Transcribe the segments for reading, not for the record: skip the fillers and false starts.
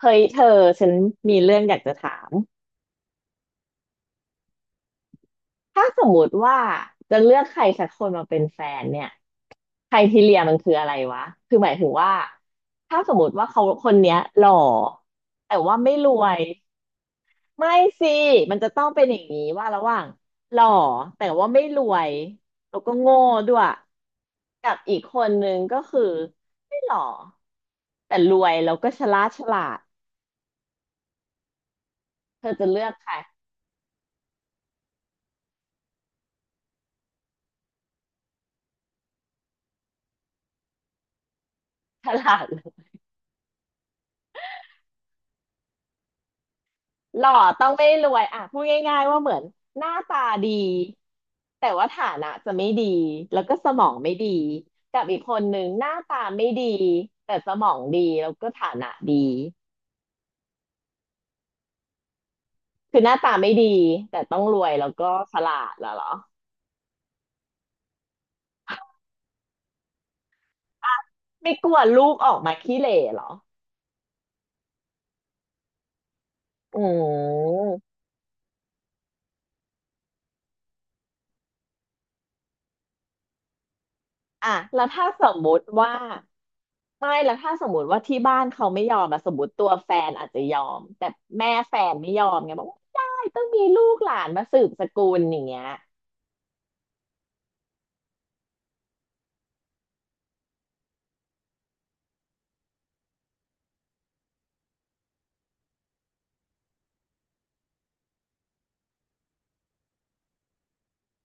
เฮ้ยเธอฉันมีเรื่องอยากจะถามถ้าสมมติว่าจะเลือกใครสักคนมาเป็นแฟนเนี่ยใครทีเรียมันคืออะไรวะคือหมายถึงว่าถ้าสมมติว่าเขาคนเนี้ยหล่อแต่ว่าไม่รวยไม่สิมันจะต้องเป็นอย่างนี้ว่าระหว่างหล่อแต่ว่าไม่รวยแล้วก็โง่ด้วยกับอีกคนนึงก็คือไม่หล่อแต่รวยแล้วก็ฉลาดเธอจะเลือกใครฉลาด หล่อต้องไม่รวยอ่ะพูดง่ายๆว่าเหมือนหน้าตาดีแต่ว่าฐานะจะไม่ดีแล้วก็สมองไม่ดีกับอีกคนหนึงหน้าตาไม่ดีแต่สมองดีแล้วก็ฐานะดีคือหน้าตาไม่ดีแต่ต้องรวยแล้วก็ฉลาดแล้วเหรอไม่กลัวลูกออกมาขี้เหร่เหรออืมอ่ะแล้วถ้าสมมุติว่า ไม่แล้วถ้าสมมติว่าที่บ้านเขาไม่ยอมอะสมมติตัวแฟนอาจจะยอมแต่แม่แฟนไม่ยอมไงบอกว่าไม่ได้ต้องมีลูกหลานมาสืบสกุลอย่างเงี้ย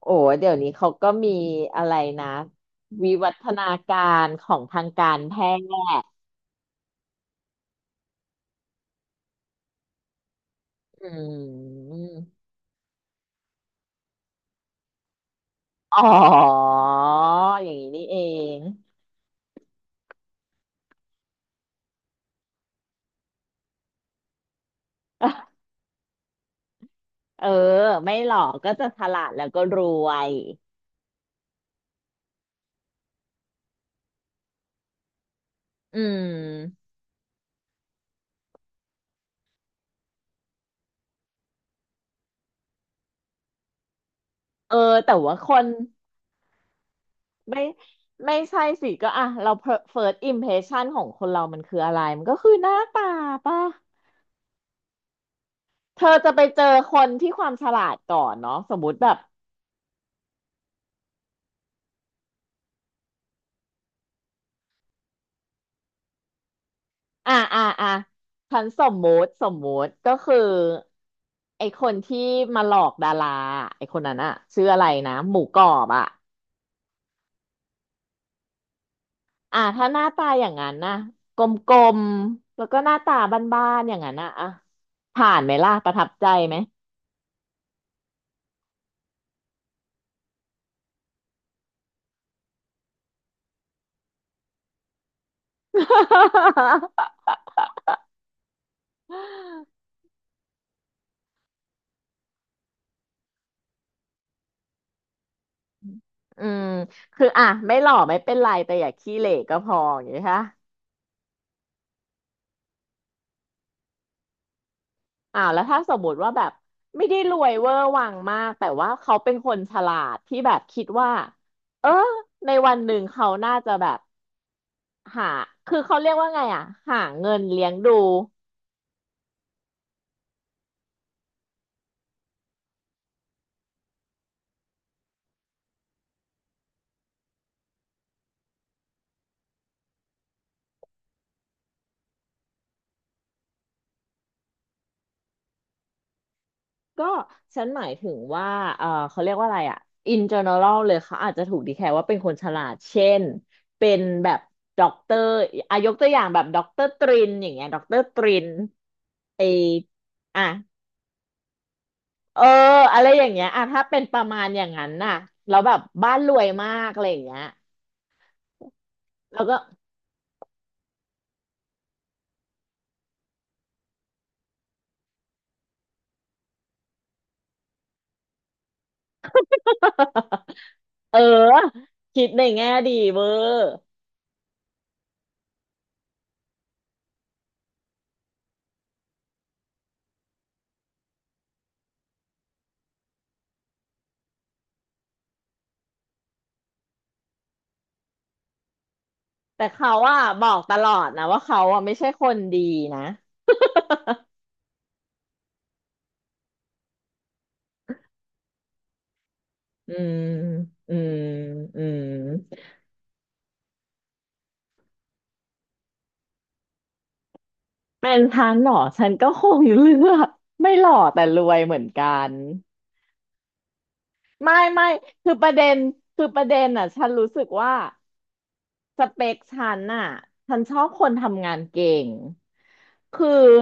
โอ้เดี๋ยวนี้เขาก็มีอะไรนะวิวัฒนาการของทางการแพทย์อืมอ๋ออย่างนี้นี่เอง เออไม่หรอกก็จะฉลาดแล้วก็รวยอืมเออแต่ว่าคน ไม่ไม่ใช่สิก็อ่ะเรา first impression ของคนเรามันคืออะไรมันก็คือหน้าตาป่ะเธอจะไปเจอคนที่ความฉลาดก่อนเนาะสมมุติแบบอ่ะฉันสมมุติก็คือไอคนที่มาหลอกดาราไอคนนั้นอะชื่ออะไรนะหมูกรอบอะอ่ะถ้าหน้าตาอย่างนั้นนะกลมๆแล้วก็หน้าตาบ้านๆอย่างนั้นนะอ่ะผ่านไหมล่ะประทับใจไหม อืมคืออ่ะไม่หล่อไม่เป็นไรแต่อย่าขี้เหร่ก็พออย่างนี้ค่ะอ่าแล้วถ้าสมมติว่าแบบไม่ได้รวยเวอร์วังมากแต่ว่าเขาเป็นคนฉลาดที่แบบคิดว่าเออในวันหนึ่งเขาน่าจะแบบหาคือเขาเรียกว่าไงอ่ะหาเงินเลี้ยงดู ก็ฉันหมายถึงว่าเออเขาเรียกว่าอะไรอ่ะ in general เลยเขาอาจจะถูกดีแคลว่าเป็นคนฉลาดเช่นเป็นแบบด็อกเตอร์อายกตัวอย่างแบบด็อกเตอร์ตรินอย่างเงี้ยด็อกเตอร์ตรินไออ่ะเอออะไรอย่างเงี้ยอ่ะถ้าเป็นประมาณอย่างนั้นน่ะแล้วแบบบ้านรวยมากอะไรอย่างเงี้ยแล้วก็ เออคิดในแง่ดีเวอร์แต่เขาอ่ะบอกตลอดนะว่าเขาอ่ะไม่ใช่คนดีนะ อืม อืม อืม เป็นฉันเหรอฉันก็คงเลือกไม่หล่อแต่รวยเหมือนกัน ไม่ คือประเด็น คือประเด็นอ่ะฉันรู้สึกว่า สเปคฉันน่ะฉันชอบคนทำงานเก่งคือ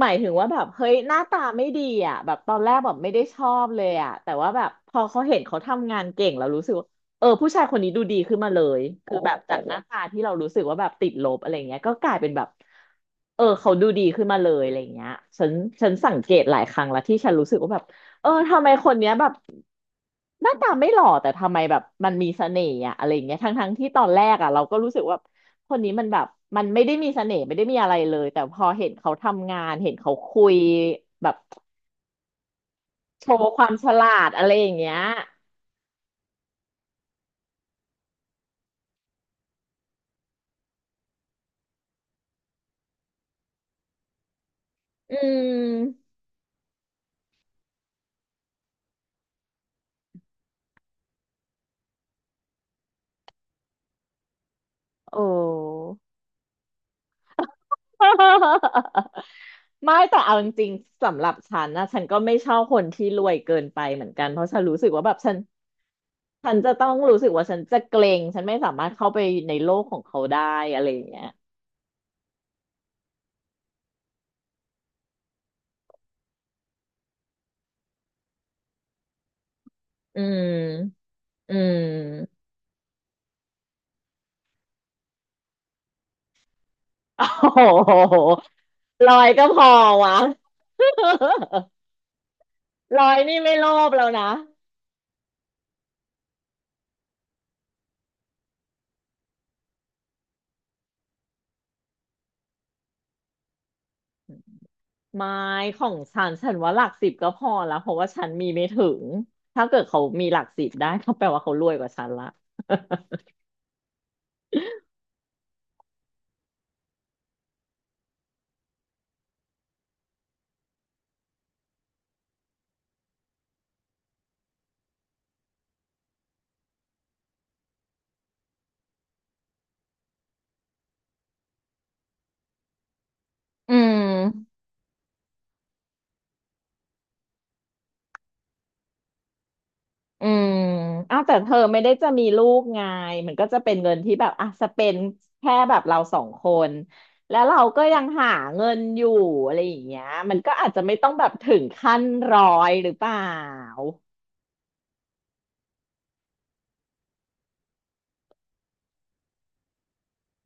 หมายถึงว่าแบบเฮ้ยหน้าตาไม่ดีอ่ะแบบตอนแรกแบบไม่ได้ชอบเลยอ่ะแต่ว่าแบบพอเขาเห็นเขาทำงานเก่งเรารู้สึกว่าเออผู้ชายคนนี้ดูดีขึ้นมาเลยคือแบบจากหน้าตาที่เรารู้สึกว่าแบบติดลบอะไรเงี้ยก็กลายเป็นแบบเออเขาดูดีขึ้นมาเลยอะไรเงี้ยฉันฉันสังเกตหลายครั้งแล้วที่ฉันรู้สึกว่าแบบ เออทำไมคนเนี้ยแบบหน้าตาไม่หล่อแต่ทำไมแบบมันมีเสน่ห์อะอะไรอย่างเงี้ยทั้งที่ตอนแรกอะเราก็รู้สึกว่าคนนี้มันแบบมันไม่ได้มีเสน่ห์ไม่ได้มีอะไรเลยแต่พอเห็นเขาทำงานเห็นเขาคุยแบบโชว์ความฉลาดอะไรอย่างเงี้ยอืมโอ้ ไม่แต่เอาจริงๆสำหรับฉันนะฉันก็ไม่ชอบคนที่รวยเกินไปเหมือนกันเพราะฉันรู้สึกว่าแบบฉัน ฉันจะต้องรู้สึกว่าฉันจะเกรงฉันไม่สามารถเข้าไปในโลกของเขาได้อะไรอย่างเงี้ยอืมอืม โอ้โหลอยก็พอวะ ลอยนี่ไม่โลภแล้วนะ ไม่ของฉันฉันว่าหลักสิบก็พอแล้วเพราะว่าฉันมีไม่ถึง ถ้าเกิดเขามีหลักสิบได้ก็แปลว่าเขารวยกว่าฉันละ อืม อืมอ้าวแต่เธอไม่ได้จะมีลูกไงมันก็จะเป็นเงินที่แบบอ่ะสเปนแค่แบบเราสองคนแล้วเราก็ยังหาเงินอยู่อะไรอย่างเงี้ยมันก็อาจจะไม่ต้องแบบถึงขั้นร้อยหรือเปล่า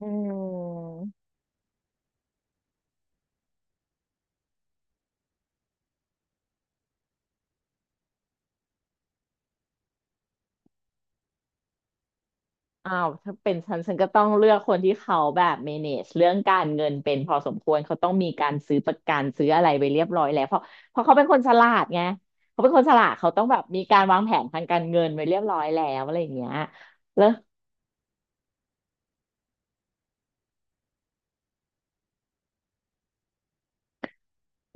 อืม อ้าวถ้าเป็นฉันฉันก็ต้องเลือกคนที่เขาแบบ manage เรื่องการเงินเป็นพอสมควรเขาต้องมีการซื้อประกันซื้ออะไรไปเรียบร้อยแล้วเพราะเขาเป็นคนฉลาดไงเขาเป็นคนฉลาดเขาต้องแบบมีการวางแผนทางการเงินไว้เรียบร้อยแล้วอะไรอย่างเงี้ยแล้ว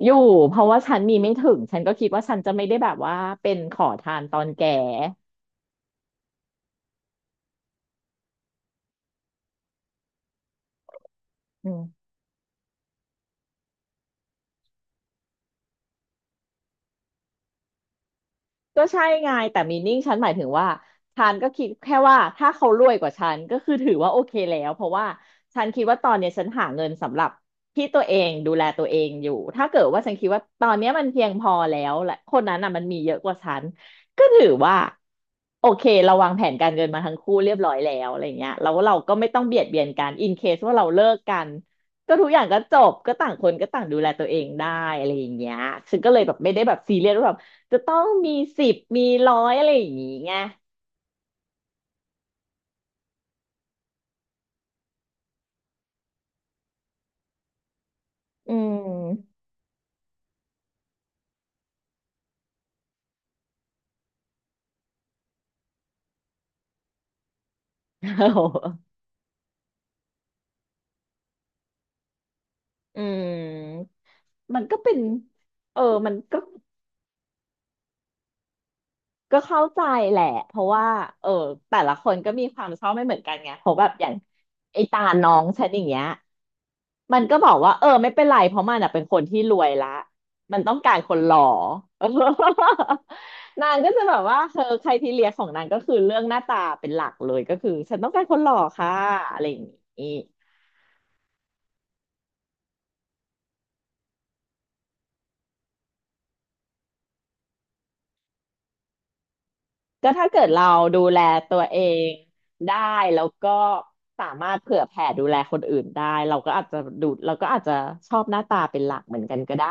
อยู่เพราะว่าฉันมีไม่ถึงฉันก็คิดว่าฉันจะไม่ได้แบบว่าเป็นขอทานตอนแก่อืม ก็ใช่ไงแต่มีนิ่งฉันหมายถึงว่าฉันก็คิดแค่ว่าถ้าเขารวยกว่าฉันก็คือถือว่าโอเคแล้วเพราะว่าฉันคิดว่าตอนเนี้ยฉันหาเงินสำหรับที่ตัวเองดูแลตัวเองอยู่ถ้าเกิดว่าฉันคิดว่าตอนเนี้ยมันเพียงพอแล้วและคนนั้นน่ะมันมีเยอะกว่าฉันก็ถือว่าโอเคเราวางแผนการเงินมาทั้งคู่เรียบร้อยแล้วอะไรเงี้ยแล้วเราก็ไม่ต้องเบียดเบียนกันอินเคสว่าเราเลิกกันก็ทุกอย่างก็จบก็ต่างคนก็ต่างดูแลตัวเองได้อะไรอย่างเงี้ยฉันก็เลยแบบไม่ได้แบบซีเรียสว่าแบบ จะต้องมีสิบมีร้อยอะไรอย่างงี้ไงอืมโอ้โหอืมมันก็เป็นเออมันก็เข้าใจแหละเพราะว่าเออแต่ละคนก็มีความชอบไม่เหมือนกันไงเพราะแบบอย่างไอตาน้องฉันอย่างเงี้ยมันก็บอกว่าเออไม่เป็นไรเพราะมันอ่ะเป็นคนที่รวยละมันต้องการคนหล่อ นางก็จะแบบว่าเธอใครทีเลียของนางก็คือเรื่องหน้าตาเป็นหลักเลยก็คือฉันต้องการคนหล่อค่ะอะไรอย่างงี้ ก็ถ้าเกิดเราดูแลตัวเองได้แล้วก็สามารถเผื่อแผ่ดูแลคนอื่นได้เราก็อาจจะดูเราก็อาจจะชอบหน้าตาเป็นหลักเหมือนกันก็ได้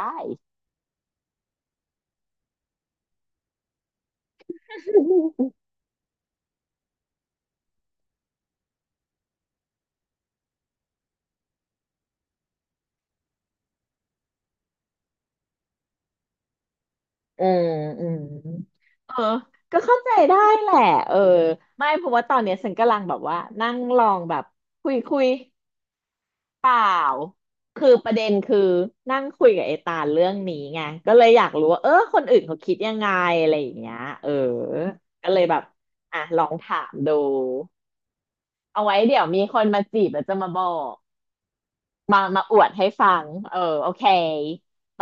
อืมอืมเออก็เข้าใจได้แหละเออไม่เพราะว่าตอนเนี้ยฉันกำลังแบบว่านั่งลองแบบคุย เปล่า คือประเด็นคือนั่งคุยกับไอตาลเรื่องนี้ไงก็เลยอยากรู้ว่าเออคนอื่นเขาคิดยังไงอะไรอย่างเงี้ยเออ ก็เลยแบบอ่ะลองถามดู เอาไว้เดี๋ยวมีคนมาจีบแล้วจะมาบอกมาอวดให้ฟัง เออโอเคไป